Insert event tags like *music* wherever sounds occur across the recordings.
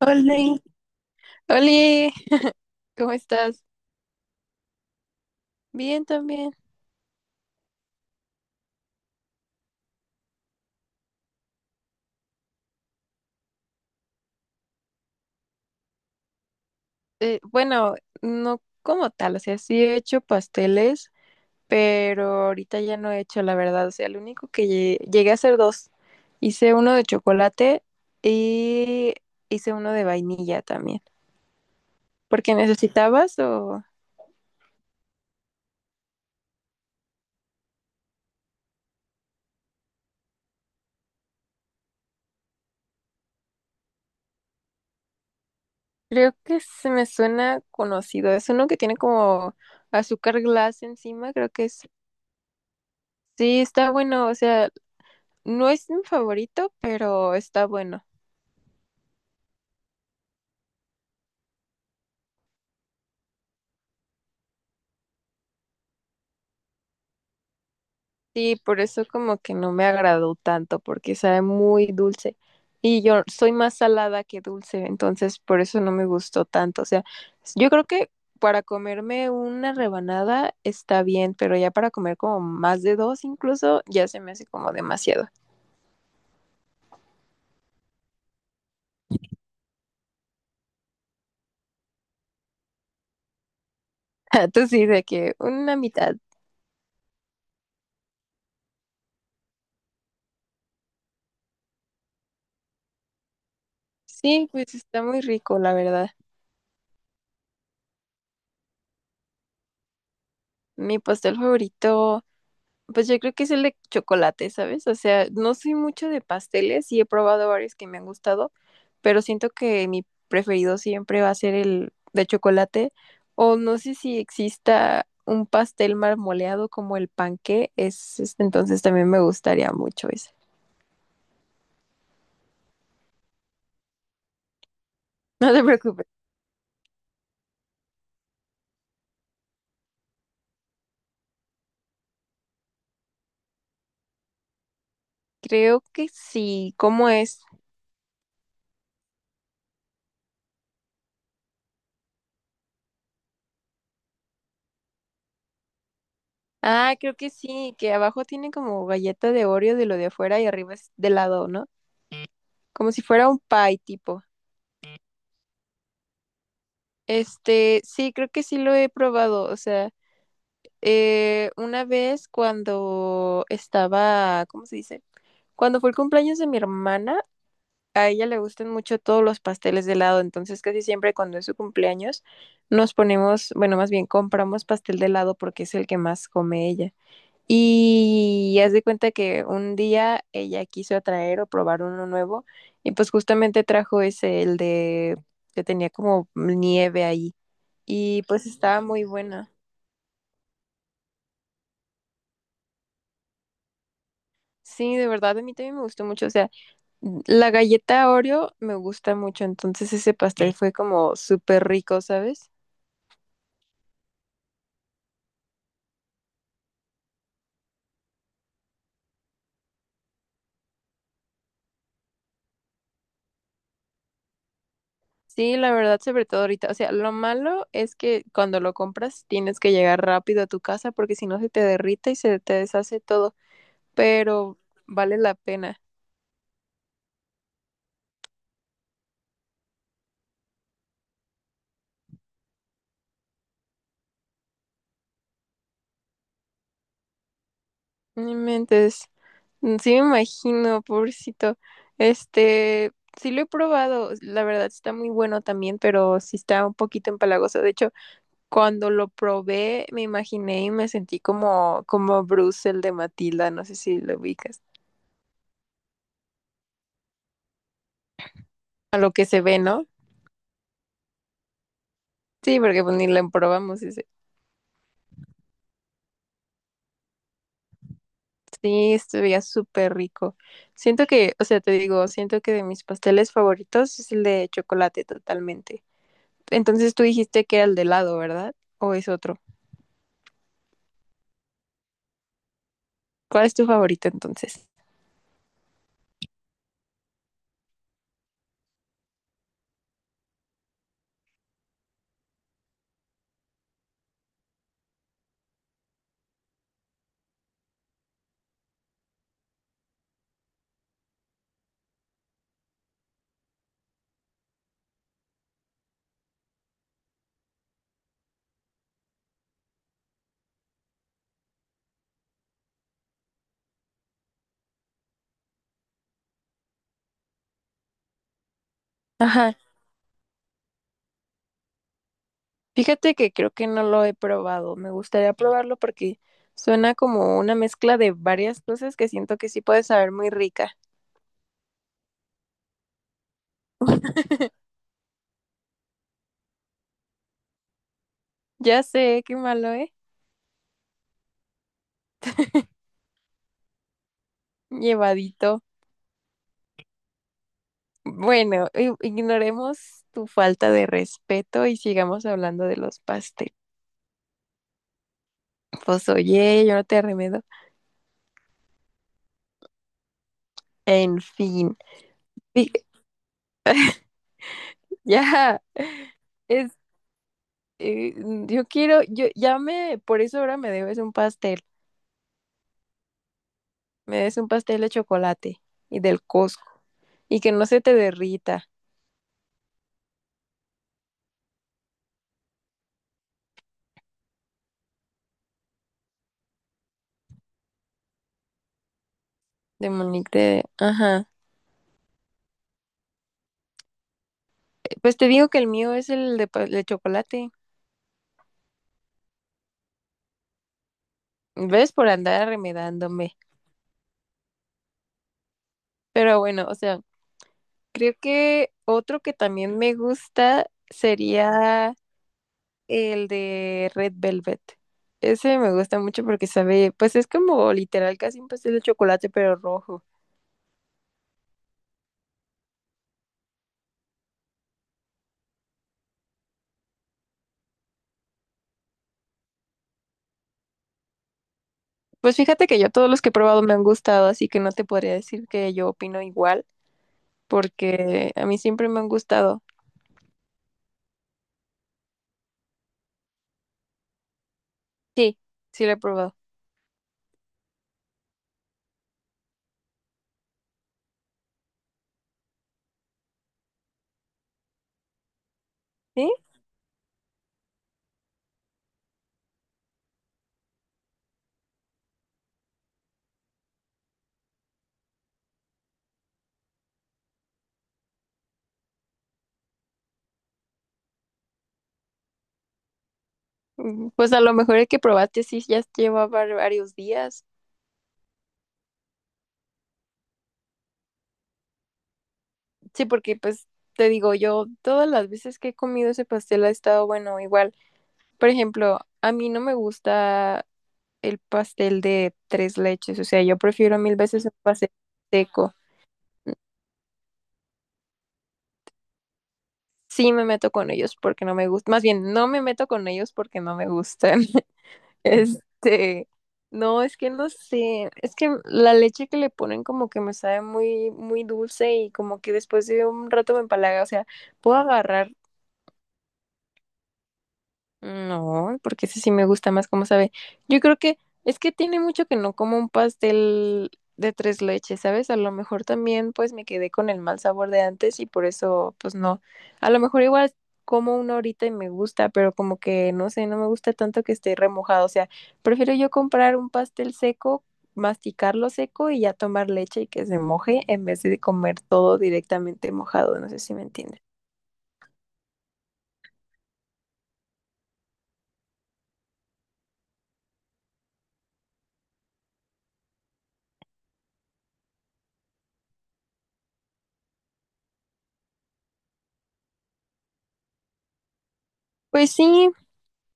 Hola, hola, ¿cómo estás? Bien también. Bueno, no como tal, o sea, sí he hecho pasteles, pero ahorita ya no he hecho, la verdad. O sea, lo único que llegué a hacer dos. Hice uno de chocolate y hice uno de vainilla también. ¿Por qué necesitabas o... Creo que se me suena conocido. Es uno que tiene como azúcar glass encima, creo que es. Sí, está bueno, o sea, no es mi favorito, pero está bueno. Sí, por eso como que no me agradó tanto, porque sabe muy dulce. Y yo soy más salada que dulce, entonces por eso no me gustó tanto. O sea, yo creo que para comerme una rebanada está bien, pero ya para comer como más de dos incluso, ya se me hace como demasiado. *laughs* Tú sí, de que una mitad. Sí, pues está muy rico, la verdad. Mi pastel favorito. Pues yo creo que es el de chocolate, ¿sabes? O sea, no soy mucho de pasteles y he probado varios que me han gustado, pero siento que mi preferido siempre va a ser el de chocolate. O no sé si exista un pastel marmoleado como el panqué, entonces también me gustaría mucho ese. *laughs* No te preocupes. Creo que sí. ¿Cómo es? Ah, creo que sí, que abajo tiene como galleta de Oreo de lo de afuera y arriba es de lado, ¿no? Como si fuera un pie tipo. Este, sí, creo que sí lo he probado. O sea, una vez cuando estaba, ¿cómo se dice? Cuando fue el cumpleaños de mi hermana, a ella le gustan mucho todos los pasteles de helado. Entonces, casi siempre cuando es su cumpleaños, nos ponemos, bueno, más bien compramos pastel de helado porque es el que más come ella. Y haz de cuenta que un día ella quiso traer o probar uno nuevo y pues justamente trajo ese, el de que tenía como nieve ahí y pues estaba muy buena. Sí, de verdad, a mí también me gustó mucho. O sea, la galleta Oreo me gusta mucho, entonces ese pastel fue como súper rico, ¿sabes? Sí, la verdad, sobre todo ahorita. O sea, lo malo es que cuando lo compras tienes que llegar rápido a tu casa porque si no se te derrite y se te deshace todo, pero vale la pena. No inventes. Mm, sí me imagino, pobrecito. Este, sí lo he probado, la verdad está muy bueno también, pero sí está un poquito empalagoso. De hecho, cuando lo probé, me imaginé y me sentí como, como Bruce, el de Matilda, no sé si lo ubicas. A lo que se ve, ¿no? Sí, porque pues ni lo probamos. Y sí, estuvía súper rico. Siento que, o sea, te digo, siento que de mis pasteles favoritos es el de chocolate totalmente. Entonces tú dijiste que era el de helado, ¿verdad? ¿O es otro? ¿Cuál es tu favorito entonces? Ajá. Fíjate que creo que no lo he probado. Me gustaría probarlo porque suena como una mezcla de varias cosas que siento que sí puede saber muy rica. *laughs* Ya sé, qué malo, ¿eh? Llevadito. Bueno, ignoremos tu falta de respeto y sigamos hablando de los pasteles. Pues oye, yo no te remedo. En fin. Fí- *laughs* Ya, es, eh, yo quiero, yo ya me, por eso ahora me debes un pastel. Me des un pastel de chocolate y del Costco y que no se te derrita de Monique de... Ajá. Pues te digo que el mío es el de, de chocolate. ¿Ves? Por andar arremedándome. Pero bueno, o sea, creo que otro que también me gusta sería el de Red Velvet. Ese me gusta mucho porque sabe, pues es como literal casi un pastel de chocolate, pero rojo. Pues fíjate que yo todos los que he probado me han gustado, así que no te podría decir que yo opino igual, porque a mí siempre me han gustado. Sí, sí lo he probado. ¿Sí? Mm, pues a lo mejor el que probaste sí ya llevaba varios días. Sí, porque pues te digo, yo todas las veces que he comido ese pastel ha estado bueno, igual. Por ejemplo, a mí no me gusta el pastel de tres leches, o sea, yo prefiero mil veces el pastel seco. Sí me meto con ellos porque no me gusta, más bien no me meto con ellos porque no me gustan. *laughs* Este, no, es que no sé, es que la leche que le ponen como que me sabe muy, muy dulce y como que después de un rato me empalaga, o sea, puedo agarrar no, porque ese sí me gusta más cómo sabe. Yo creo que es que tiene mucho que no como un pastel de tres leches, ¿sabes? A lo mejor también pues me quedé con el mal sabor de antes y por eso pues no. A lo mejor igual como uno ahorita y me gusta, pero como que no sé, no me gusta tanto que esté remojado. O sea, prefiero yo comprar un pastel seco, masticarlo seco y ya tomar leche y que se moje en vez de comer todo directamente mojado. No sé si me entiendes. Pues sí,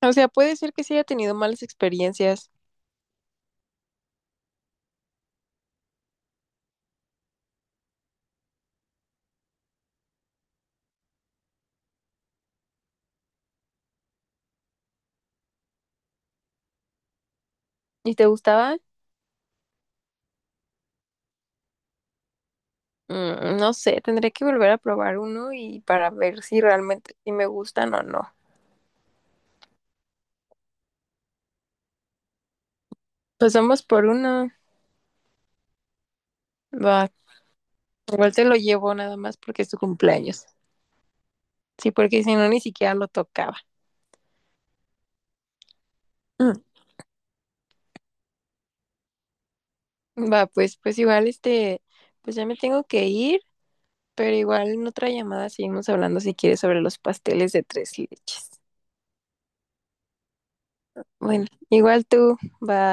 o sea, puede ser que sí haya tenido malas experiencias. ¿Y te gustaba? Mm, no sé, tendré que volver a probar uno y para ver si realmente sí me gustan o no. Pues vamos por uno. Va, igual te lo llevo nada más porque es tu cumpleaños. Sí, porque si no ni siquiera lo tocaba. Mm, va, pues igual este, pues ya me tengo que ir, pero igual en otra llamada seguimos hablando si quieres sobre los pasteles de tres leches. Bueno, igual tú, va.